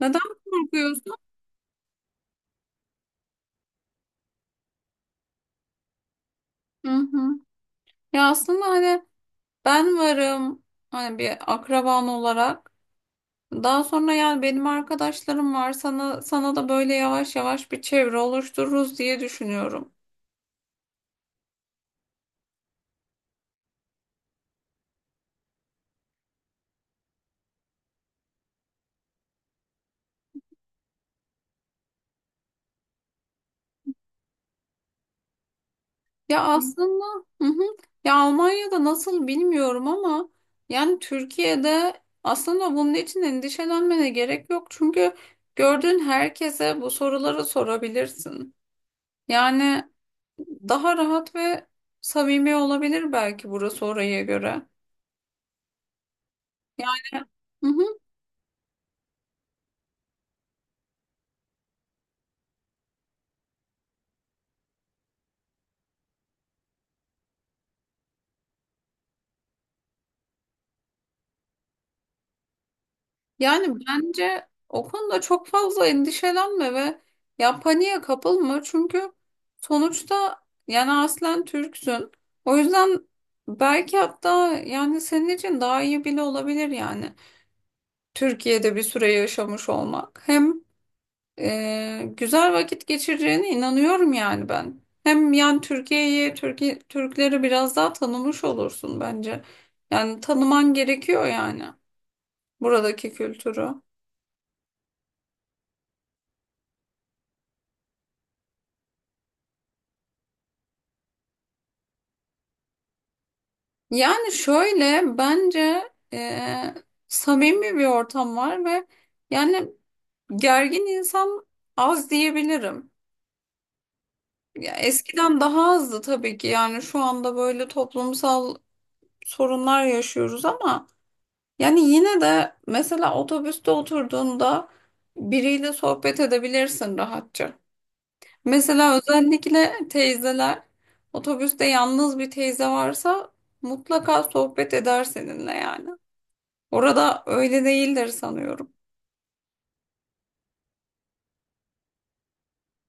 Neden korkuyorsun? Hı hı. Ya aslında hani ben varım, hani bir akraban olarak. Daha sonra yani benim arkadaşlarım var. Sana da böyle yavaş yavaş bir çevre oluştururuz diye düşünüyorum. Ya aslında, hı hı. Ya Almanya'da nasıl bilmiyorum ama yani Türkiye'de aslında bunun için endişelenmene gerek yok. Çünkü gördüğün herkese bu soruları sorabilirsin. Yani daha rahat ve samimi olabilir belki burası oraya göre. Yani, hı hı. Yani bence o konuda çok fazla endişelenme ve ya paniğe kapılma çünkü sonuçta yani aslen Türksün. O yüzden belki hatta yani senin için daha iyi bile olabilir, yani Türkiye'de bir süre yaşamış olmak. Hem güzel vakit geçireceğine inanıyorum yani ben. Hem yani Türkiye'yi, Türkiye, Türkleri biraz daha tanımış olursun bence. Yani tanıman gerekiyor yani buradaki kültürü. Yani şöyle bence samimi bir ortam var ve yani gergin insan az diyebilirim. Ya eskiden daha azdı tabii ki, yani şu anda böyle toplumsal sorunlar yaşıyoruz ama yani yine de mesela otobüste oturduğunda biriyle sohbet edebilirsin rahatça. Mesela özellikle teyzeler, otobüste yalnız bir teyze varsa mutlaka sohbet eder seninle yani. Orada öyle değildir sanıyorum.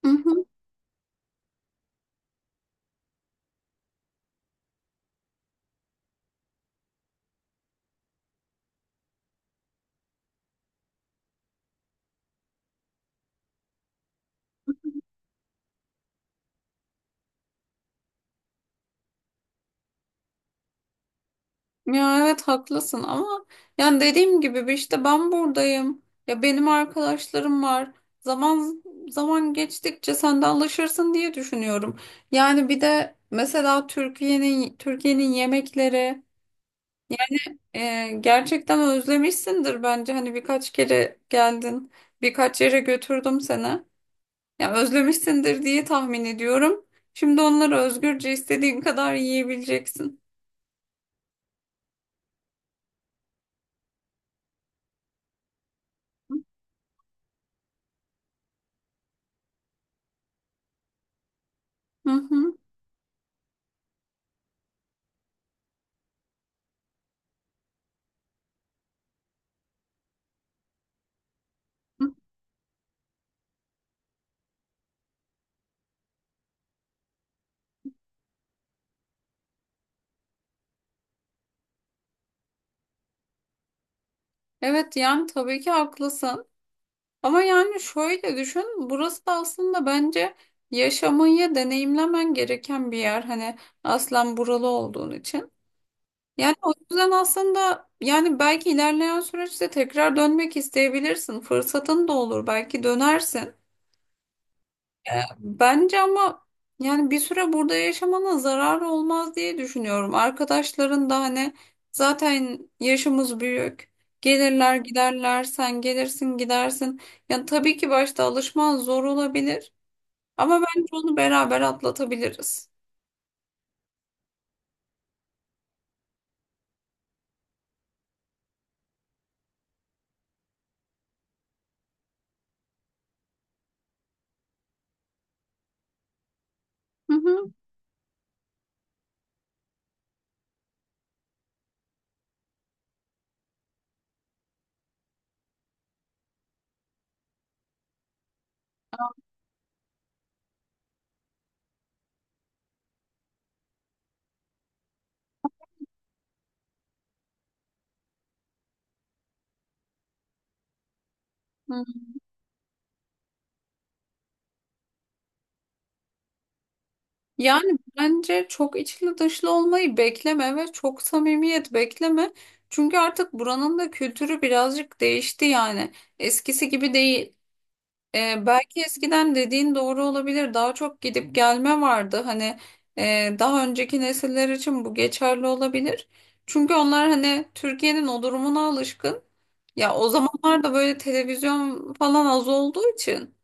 Hı hı. Ya evet haklısın ama yani dediğim gibi, bir işte ben buradayım. Ya benim arkadaşlarım var. Zaman zaman geçtikçe sen de alışırsın diye düşünüyorum. Yani bir de mesela Türkiye'nin yemekleri gerçekten özlemişsindir bence. Hani birkaç kere geldin, birkaç yere götürdüm seni. Ya özlemişsindir diye tahmin ediyorum. Şimdi onları özgürce istediğin kadar yiyebileceksin. Hı hı. Evet yani tabii ki haklısın. Ama yani şöyle düşün, burası da aslında bence yaşamayı deneyimlemen gereken bir yer. Hani aslen buralı olduğun için. Yani o yüzden aslında, yani belki ilerleyen süreçte tekrar dönmek isteyebilirsin. Fırsatın da olur, belki dönersin. Bence ama yani bir süre burada yaşamana zarar olmaz diye düşünüyorum. Arkadaşların da hani zaten yaşımız büyük. Gelirler giderler, sen gelirsin gidersin. Yani tabii ki başta alışman zor olabilir ama bence onu beraber atlatabiliriz. Hı hı. Hı. Yani bence çok içli dışlı olmayı bekleme ve çok samimiyet bekleme. Çünkü artık buranın da kültürü birazcık değişti yani. Eskisi gibi değil. Belki eskiden dediğin doğru olabilir. Daha çok gidip gelme vardı. Hani daha önceki nesiller için bu geçerli olabilir. Çünkü onlar hani Türkiye'nin o durumuna alışkın. Ya o zamanlarda böyle televizyon falan az olduğu için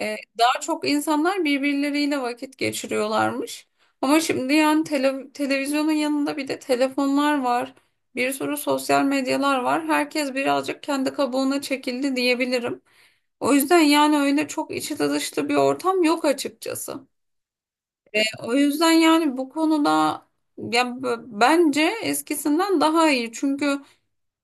daha çok insanlar birbirleriyle vakit geçiriyorlarmış. Ama şimdi yani televizyonun yanında bir de telefonlar var. Bir sürü sosyal medyalar var. Herkes birazcık kendi kabuğuna çekildi diyebilirim. O yüzden yani öyle çok içi dışlı bir ortam yok açıkçası. O yüzden yani bu konuda ya bence eskisinden daha iyi. Çünkü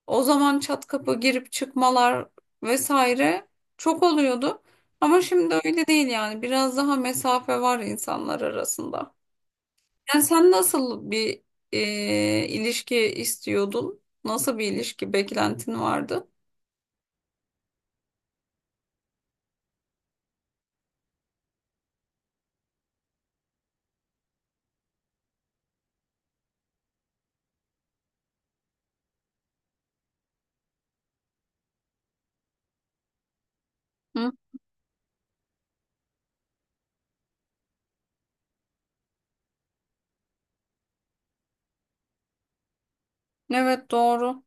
o zaman çat kapı girip çıkmalar vesaire çok oluyordu. Ama şimdi öyle değil yani. Biraz daha mesafe var insanlar arasında. Yani sen nasıl bir ilişki istiyordun? Nasıl bir ilişki beklentin vardı? Hı? Evet doğru.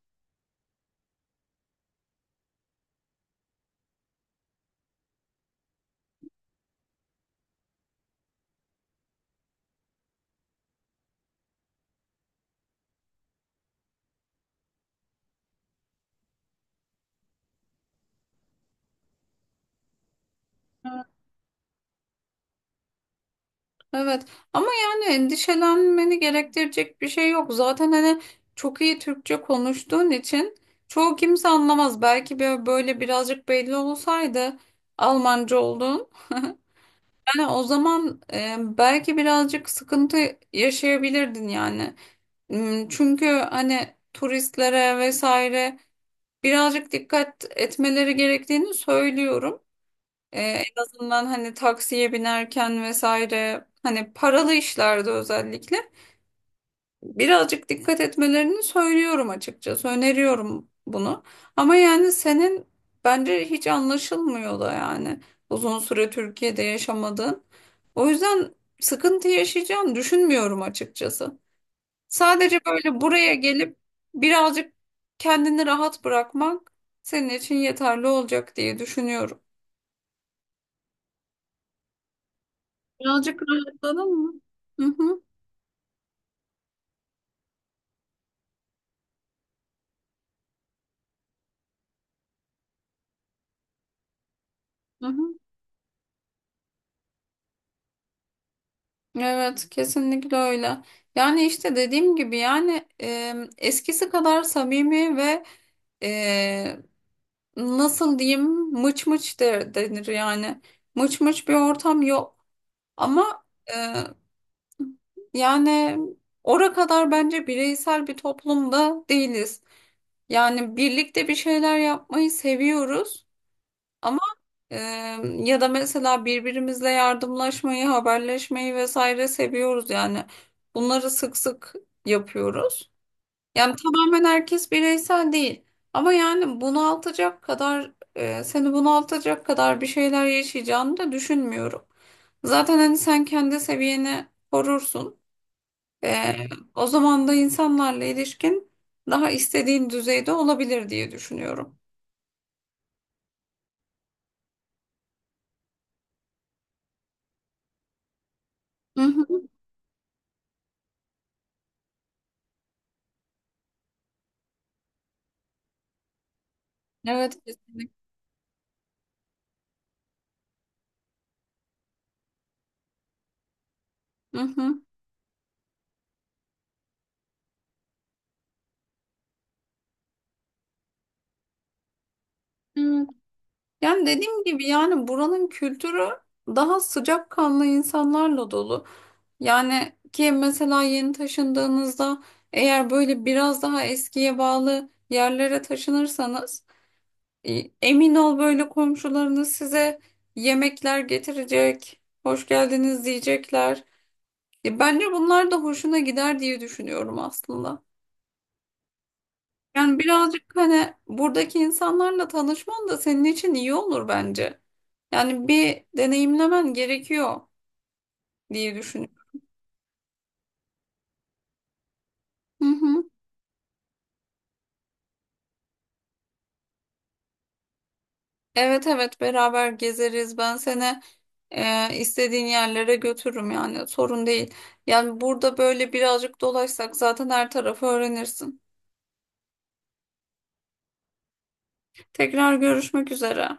Evet ama yani endişelenmeni gerektirecek bir şey yok. Zaten hani çok iyi Türkçe konuştuğun için çoğu kimse anlamaz. Belki böyle birazcık belli olsaydı Almanca olduğun. Yani o zaman belki birazcık sıkıntı yaşayabilirdin yani. Hmm. Çünkü hani turistlere vesaire birazcık dikkat etmeleri gerektiğini söylüyorum. En azından hani taksiye binerken vesaire, hani paralı işlerde özellikle birazcık dikkat etmelerini söylüyorum açıkçası. Öneriyorum bunu. Ama yani senin bence hiç anlaşılmıyor da yani uzun süre Türkiye'de yaşamadığın. O yüzden sıkıntı yaşayacağını düşünmüyorum açıkçası. Sadece böyle buraya gelip birazcık kendini rahat bırakmak senin için yeterli olacak diye düşünüyorum. Birazcık rahatladın mı? Hı hı, hı hı. Evet, kesinlikle öyle. Yani işte dediğim gibi yani, eskisi kadar samimi ve e, nasıl diyeyim, mıç mıç denir yani. Mıç mıç bir ortam yok. Ama e, yani ora kadar bence bireysel bir toplumda değiliz. Yani birlikte bir şeyler yapmayı seviyoruz. Ee, Ya da mesela birbirimizle yardımlaşmayı, haberleşmeyi vesaire seviyoruz yani. Bunları sık sık yapıyoruz. Yani tamamen herkes bireysel değil. Ama yani bunaltacak kadar, seni bunaltacak kadar bir şeyler yaşayacağını da düşünmüyorum. Zaten hani sen kendi seviyeni korursun. Ee, O zaman da insanlarla ilişkin daha istediğin düzeyde olabilir diye düşünüyorum. Hı hı. Evet kesinlikle. Hı hı. Yani dediğim gibi yani buranın kültürü daha sıcakkanlı insanlarla dolu. Yani ki mesela yeni taşındığınızda, eğer böyle biraz daha eskiye bağlı yerlere taşınırsanız emin ol böyle komşularınız size yemekler getirecek, hoş geldiniz diyecekler. Bence bunlar da hoşuna gider diye düşünüyorum aslında. Yani birazcık hani buradaki insanlarla tanışman da senin için iyi olur bence. Yani bir deneyimlemen gerekiyor diye düşünüyorum. Hı hı. Evet evet beraber gezeriz. Ben seni istediğin yerlere götürürüm yani, sorun değil. Yani burada böyle birazcık dolaşsak zaten her tarafı öğrenirsin. Tekrar görüşmek üzere.